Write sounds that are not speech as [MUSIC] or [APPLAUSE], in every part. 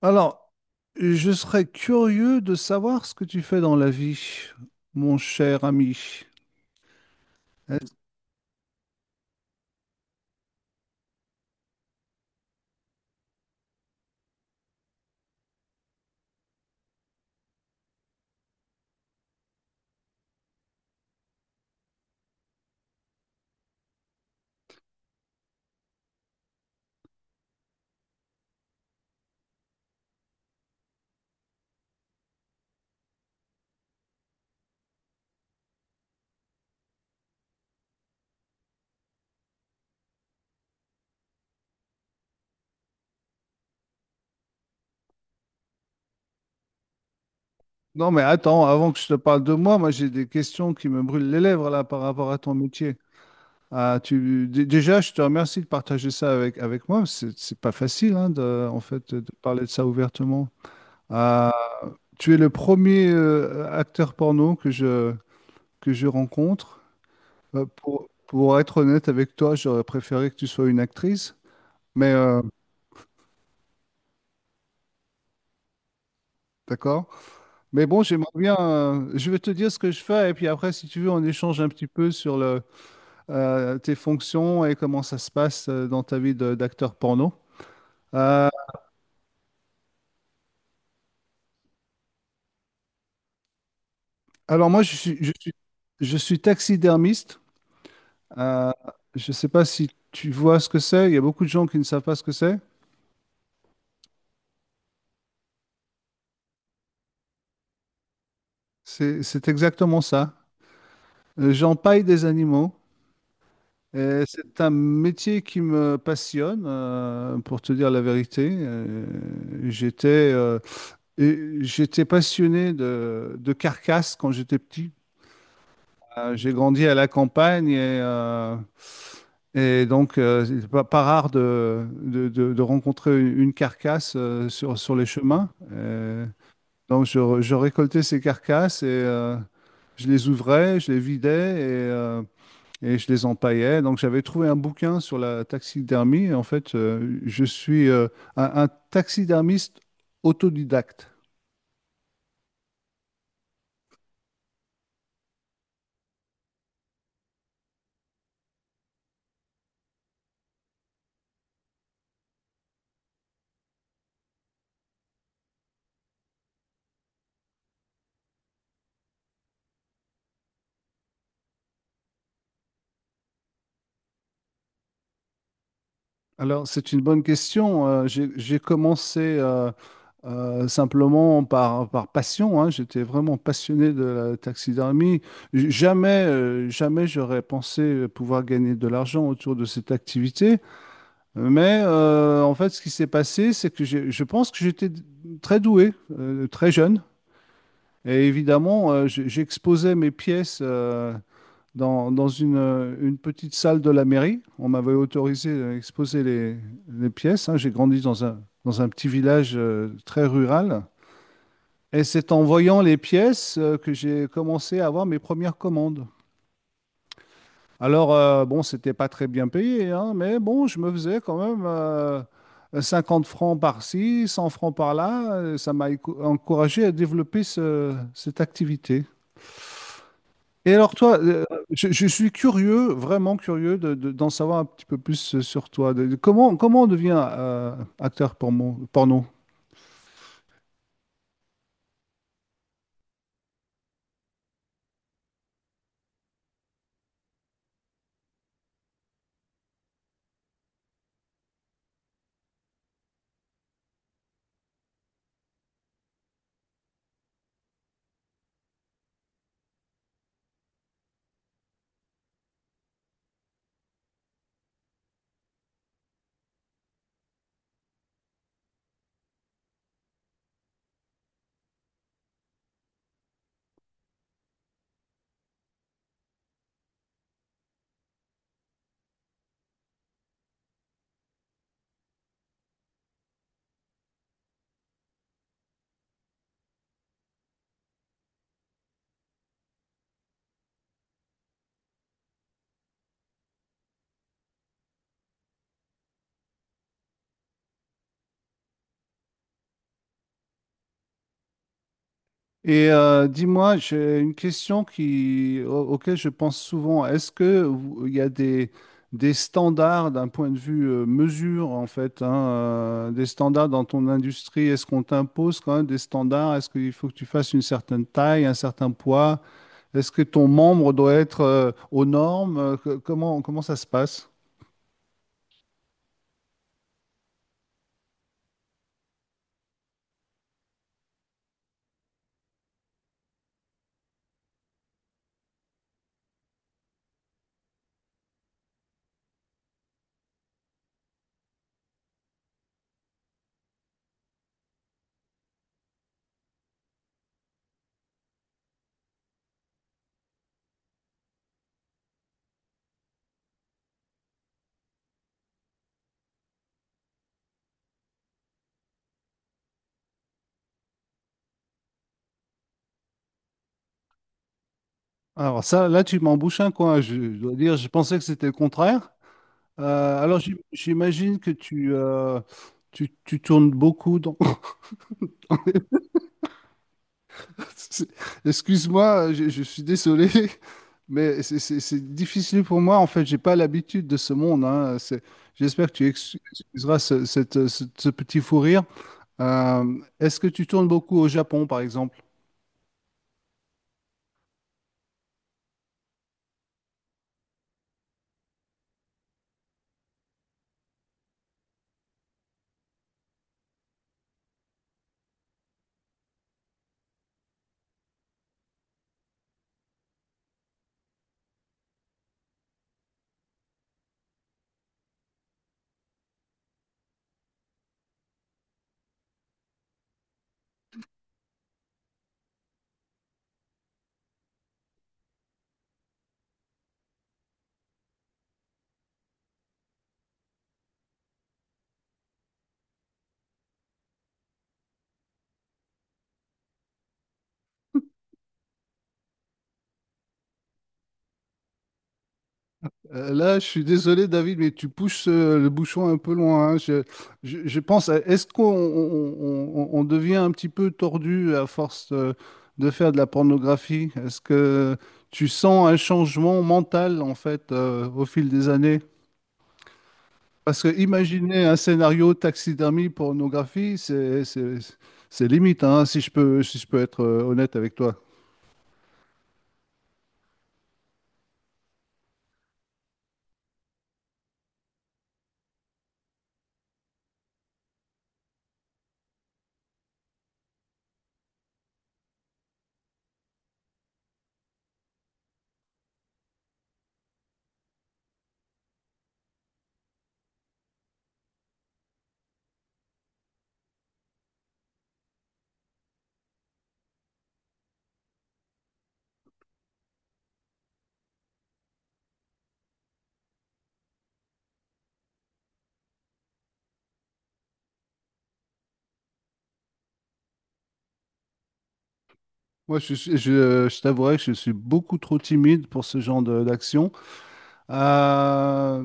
Alors, je serais curieux de savoir ce que tu fais dans la vie, mon cher ami. Est- Non, mais attends, avant que je te parle de moi, j'ai des questions qui me brûlent les lèvres là par rapport à ton métier. Déjà, je te remercie de partager ça avec moi. C'est pas facile, hein, en fait, de parler de ça ouvertement. Ah, tu es le premier acteur porno que je rencontre. Pour être honnête avec toi, j'aurais préféré que tu sois une actrice, mais d'accord. Mais bon, j'aimerais bien. Je vais te dire ce que je fais, et puis après, si tu veux, on échange un petit peu sur tes fonctions et comment ça se passe dans ta vie d'acteur porno. Euh, alors, moi, je suis, je suis, je suis taxidermiste. Euh, je ne sais pas si tu vois ce que c'est. Il y a beaucoup de gens qui ne savent pas ce que c'est. C'est exactement ça. J'empaille des animaux. C'est un métier qui me passionne, pour te dire la vérité. J'étais. Euh, Et j'étais passionné de carcasses quand j'étais petit. J'ai grandi à la campagne et donc c'est pas rare de rencontrer une carcasse euh, sur les chemins. Je récoltais ces carcasses et je les ouvrais, je les vidais et je les empaillais. Donc j'avais trouvé un bouquin sur la taxidermie. En fait, je suis un taxidermiste autodidacte. Alors, c'est une bonne question. J'ai commencé simplement par passion, hein. J'étais vraiment passionné de la taxidermie. Jamais, jamais j'aurais pensé pouvoir gagner de l'argent autour de cette activité. Mais en fait, ce qui s'est passé, c'est que je pense que j'étais très doué, très jeune. Et évidemment, j'exposais mes pièces euh, dans une petite salle de la mairie. On m'avait autorisé à exposer les pièces, hein. J'ai grandi dans un petit village très rural. Et c'est en voyant les pièces que j'ai commencé à avoir mes premières commandes. Alors, bon, c'était pas très bien payé, hein, mais bon, je me faisais quand même 50 francs par-ci, 100 francs par-là. Ça m'a encouragé à développer cette activité. Et alors toi, euh, je suis curieux, vraiment curieux d'en savoir un petit peu plus sur toi. Comment on devient acteur porno? Et dis-moi, j'ai une question auquel je pense souvent. Il y a des standards d'un point de vue mesure, en fait, hein, des standards dans ton industrie? Est-ce qu'on t'impose quand même des standards? Est-ce qu'il faut que tu fasses une certaine taille, un certain poids? Est-ce que ton membre doit être aux normes? Comment ça se passe? Alors ça, là, tu m'embouches un coin. Je dois dire, je pensais que c'était le contraire. J'imagine que tu tournes beaucoup dans... [LAUGHS] C'est- Excuse-moi, je suis désolé, [LAUGHS] mais c'est difficile pour moi. En fait, j'ai pas l'habitude de ce monde, hein. J'espère que excuseras ce petit fou rire. Est-ce que tu tournes beaucoup au Japon, par exemple? Là, je suis désolé, David, mais tu pousses le bouchon un peu loin, hein. Je pense, à- est-ce qu'on on devient un petit peu tordu à force faire de la pornographie? Est-ce que tu sens un changement mental, en fait, au fil des années? Parce que imaginer un scénario taxidermie pornographie, c'est limite, hein, si je peux être honnête avec toi. Moi, je t'avouerai que je suis beaucoup trop timide pour ce genre d'action. Euh,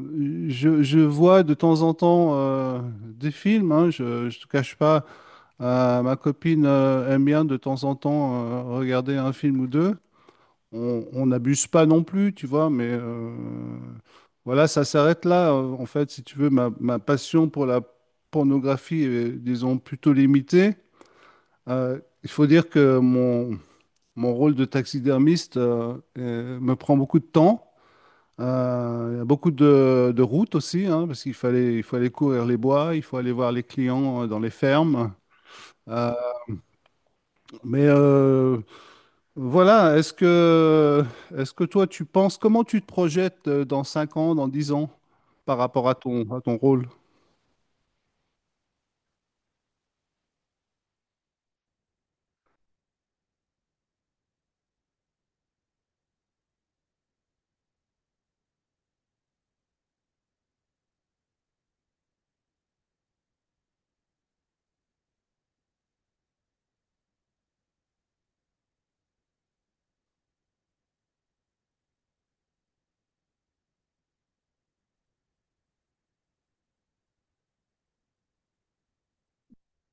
je, je vois de temps en temps des films, hein, je ne te cache pas. Ma copine aime bien de temps en temps regarder un film ou deux. On n'abuse pas non plus, tu vois, mais voilà, ça s'arrête là. En fait, si tu veux, ma passion pour la pornographie est, disons, plutôt limitée. Euh, il faut dire que mon rôle de taxidermiste me prend beaucoup de temps. Il y a beaucoup de routes aussi, hein, parce il faut aller courir les bois, il faut aller voir les clients dans les fermes. Euh, mais euh, voilà, est-ce que toi, tu penses, comment tu te projettes dans 5 ans, dans 10 ans, par rapport à à ton rôle?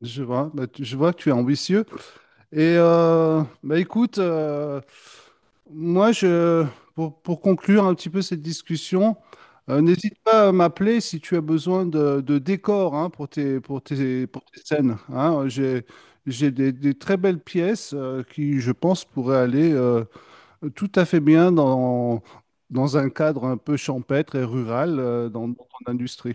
Je vois, bah, je vois que tu es ambitieux. Et écoute, Moi, je, pour conclure un petit peu cette discussion, n'hésite pas à m'appeler si tu as besoin de décors, hein, pour tes scènes, hein. J'ai des très belles pièces qui, je pense, pourraient aller tout à fait bien dans un cadre un peu champêtre et rural euh, dans ton industrie.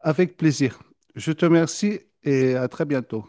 Avec plaisir. Je te remercie et à très bientôt.